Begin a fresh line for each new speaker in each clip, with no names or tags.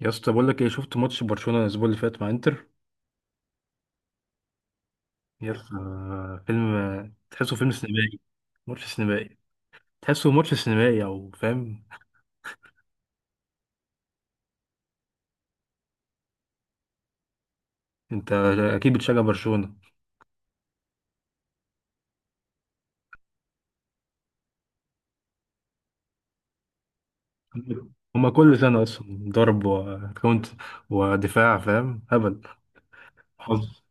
يا اسطى بقول لك ايه، شفت ماتش برشلونة الاسبوع اللي فات مع انتر؟ يا اسطى فيلم. تحسه فيلم سينمائي. ماتش سينمائي. تحسه ماتش سينمائي او فاهم. انت اكيد بتشجع برشلونة. هما كل سنة اصلا ضرب وكونت ودفاع فاهم هبل. حظ.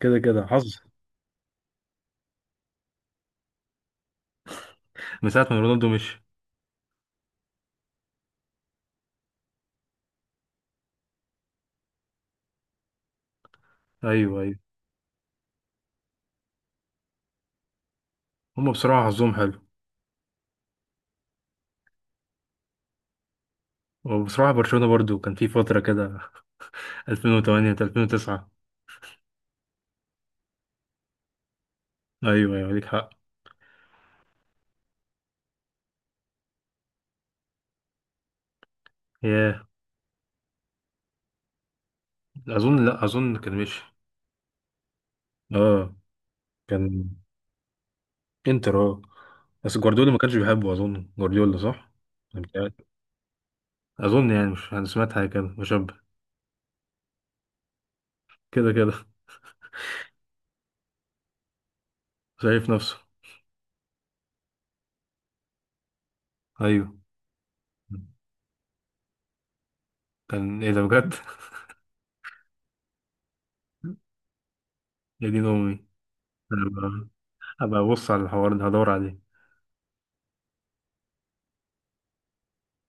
كده كده حظ. من ساعة ما رونالدو مشي. ايوه ايوه. هما بصراحة حظهم حلو. وبصراحة برشلونة برضو كان في فترة كده. 2008 2009. ايوه ايوه ليك حق. ياه، اظن لا اظن كان مشي. اه كان. انتر اه. بس جوارديولا ما كانش بيحبه اظن جوارديولا صح؟ أنا متهيألي. اظن يعني، مش انا سمعت حاجه كده مشابه. كده كده. شايف نفسه. ايوه. كان ايه ده بجد؟ يا دين امي. انا هبقى، هبقى ابص على الحوار ده هدور عليه.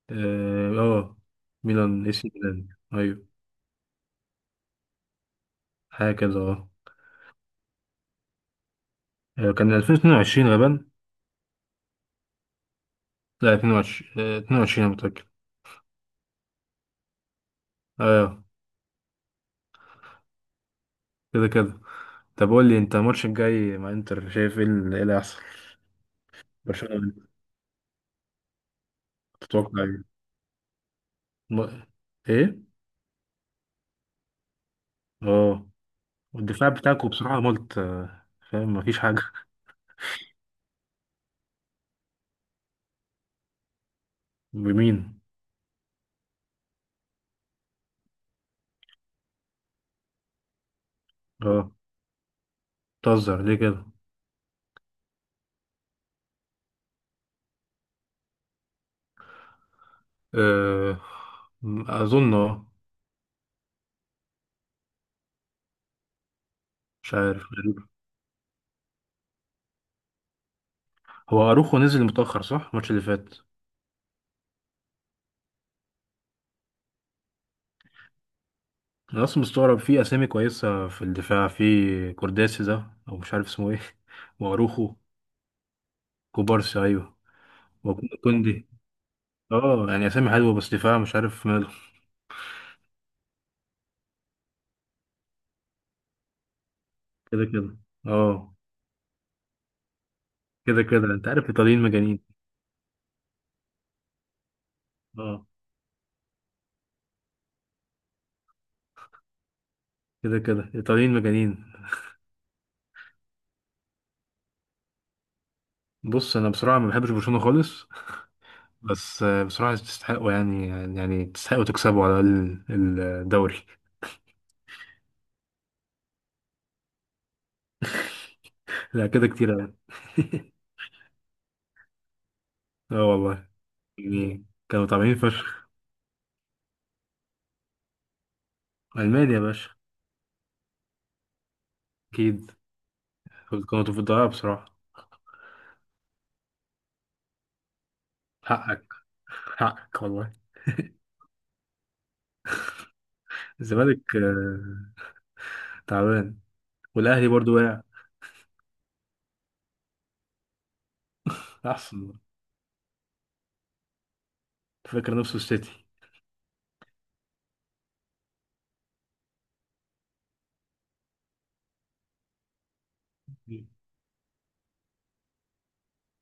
اه آه، ميلان اي سي ميلان. ايوه. حاجه كده اه. آه، كان 2022 غالبا. لا 22، آه، 22 انا متاكد. اه. كده كده. طب قول لي انت، الماتش الجاي مع انتر شايف ايه اللي إيه اللي هيحصل؟ برشلونه. تتوقع إيه؟ م... ايه. اه، والدفاع بتاعكم بصراحة ملت آه، فاهم مفيش حاجة. بمين؟ اه، بتهزر ليه كده؟ آه، اظن اه. مش عارف، غريب. هو اروخو نزل متأخر صح الماتش اللي فات؟ انا اصلا مستغرب، في اسامي كويسة في الدفاع، في كورداسي ده او مش عارف اسمه ايه. واروخو. كوبارسي ايوه. وكوندي. اه يعني اسامي حلوة بس دفاع مش عارف ماله. كده كده. اه. كده كده انت عارف الايطاليين مجانين. اه. كده كده ايطاليين مجانين. بص انا بصراحه ما بحبش برشلونه خالص. بس آه، بصراحه تستحقوا يعني. يعني تستحقوا تكسبوا على الاقل الدوري. لا كده كتير أوي. اه والله. يعني كانوا طالعين فشخ. المانيا يا باشا. اكيد. كانوا في الضياع بصراحه. حقك. حقك والله. الزمالك آه، تعبان. والاهلي برضو واقع. احسن. فاكر نفسه السيتي.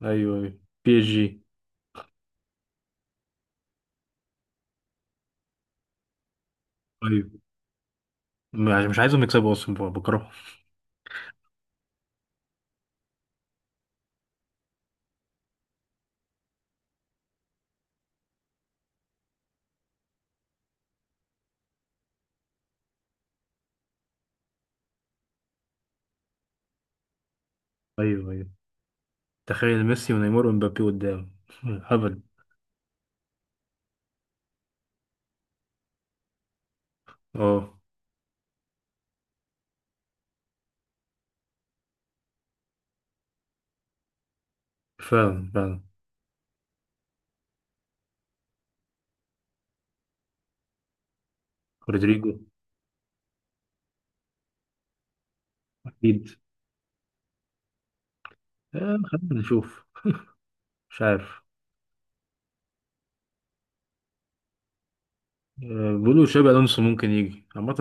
ايوه ايوه. بي اس جي. ايوه. مش عايزهم يكسبوا اصلا بكرههم. ايوه ايوه. تخيل ميسي ونيمار ومبابي قدام. هبل. اه. فعلا فعلا. رودريجو. اكيد. آه خلينا نشوف. مش عارف. آه بيقولوا شابي الونسو ممكن يجي، عامة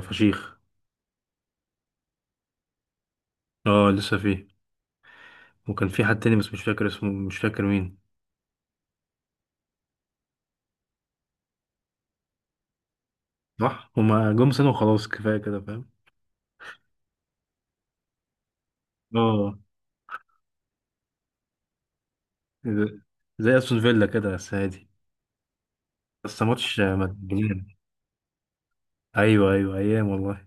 فشيخ. اه لسه فيه. وكان في حد تاني بس مش فاكر اسمه، مش فاكر مين. صح هما جم سنة وخلاص كفاية كده فاهم. اه. زي، زي استون فيلا كده بس عادي. بس ماتش آه، مجنون. ايوه ايوه ايام والله.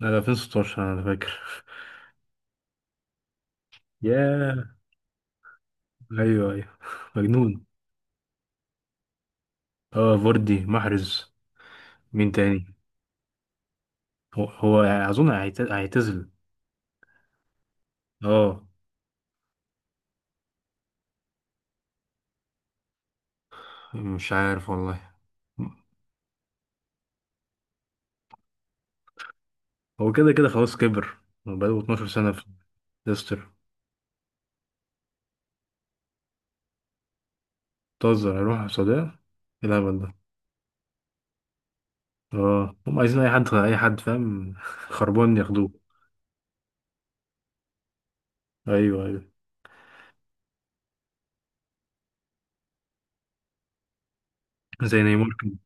لا لا 2016 انا فاكر. ياه. ايوه ايوه. مجنون. اه فوردي محرز. مين تاني؟ هو اظن هيعتزل. اه. مش عارف والله. هو كده كده خلاص كبر. بقاله 12 سنة في ليستر. بتهزر، هيروح السعودية؟ ايه الهبل ده؟ اه هم عايزين اي حد، اي حد فاهم. خربان ياخدوه. ايوه ايوه. زي نيمار كده.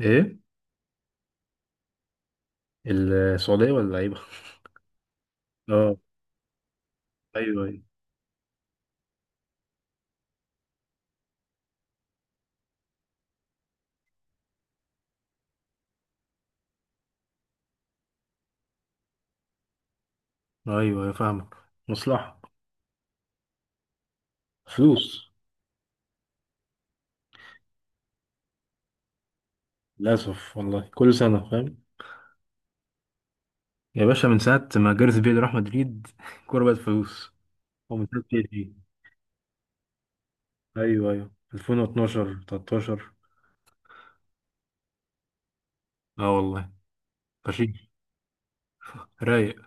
ايه، السعودية ولا لعيبة؟ اه. ايوه ايوه. ايوه أيوة، فاهمك. مصلحة. فلوس. للأسف والله كل سنة فاهم. يا باشا من ساعة ما جاريث بيل راح مدريد الكورة بقت فلوس. هو من ساعة بي اس جي. ايوه ايوه 2012 13. اه والله. فشيخ. رايق.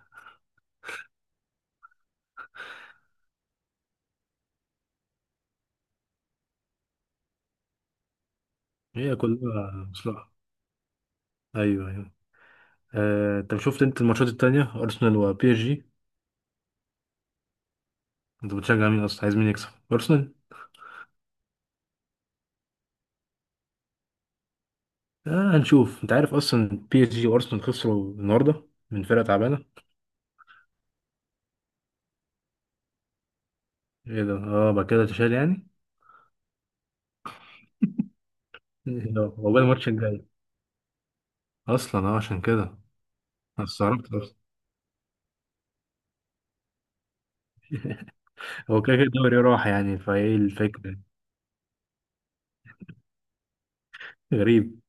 هي كلها مصلحة. ايوه ايوه. آه، طب شفت انت الماتشات التانية ارسنال وبي اس جي؟ انت بتشجع مين اصلا، عايز مين يكسب، ارسنال؟ آه هنشوف. انت عارف اصلا بي اس جي وارسنال خسروا النهارده من فرقة تعبانة. ايه ده، اه بعد كده تشال يعني. هو ده هو بقى الماتش الجاي اصلا، اه عشان كده. انا استغربت اصلا. هو كده كده الدوري راح يعني فايه الفكرة. غريب.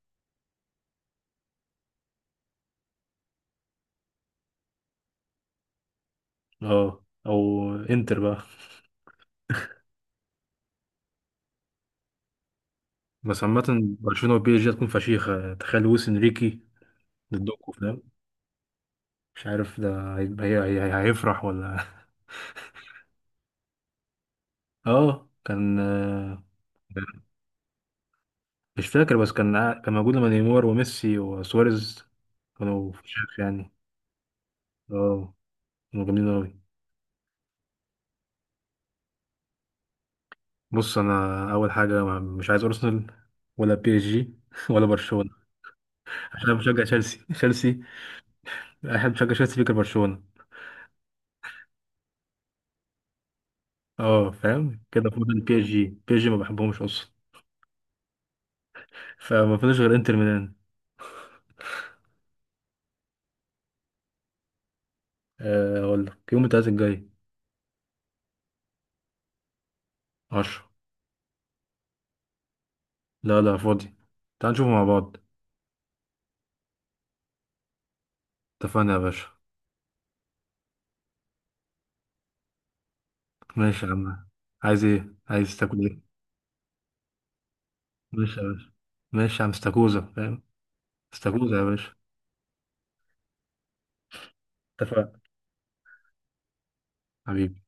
اه او انتر بقى. بس عامة برشلونة وبي اس جي هتكون فشيخة، تخيل لويس انريكي ضدكوا فاهم. مش عارف ده هيبقى، هيفرح ولا. اه كان آه، مش فاكر. بس كان موجود لما نيمار وميسي وسواريز كانوا فشيخ يعني. اه. كانوا جامدين اوي. بص انا اول حاجة مش عايز ارسنال. ولا بي اس جي. ولا برشلونة. عشان أنا بشجع تشيلسي. تشيلسي احب، بشجع تشيلسي فيك برشلونة. اه فاهم كده، فاضل بي اس جي. بي اس جي ما بحبهمش اصلا. فما فيش غير انتر ميلان. آه، اقول لك يوم التلاتة الجاي. عشرة. لا لا فاضي. تعال نشوفه مع بعض. اتفقنا يا باشا. ماشي يا عم. عايز ايه، عايز تاكل ايه؟ ماشي يا باشا. ماشي يا عم. استاكوزا فاهم. استاكوزا يا باشا. اتفقنا. حبيبي.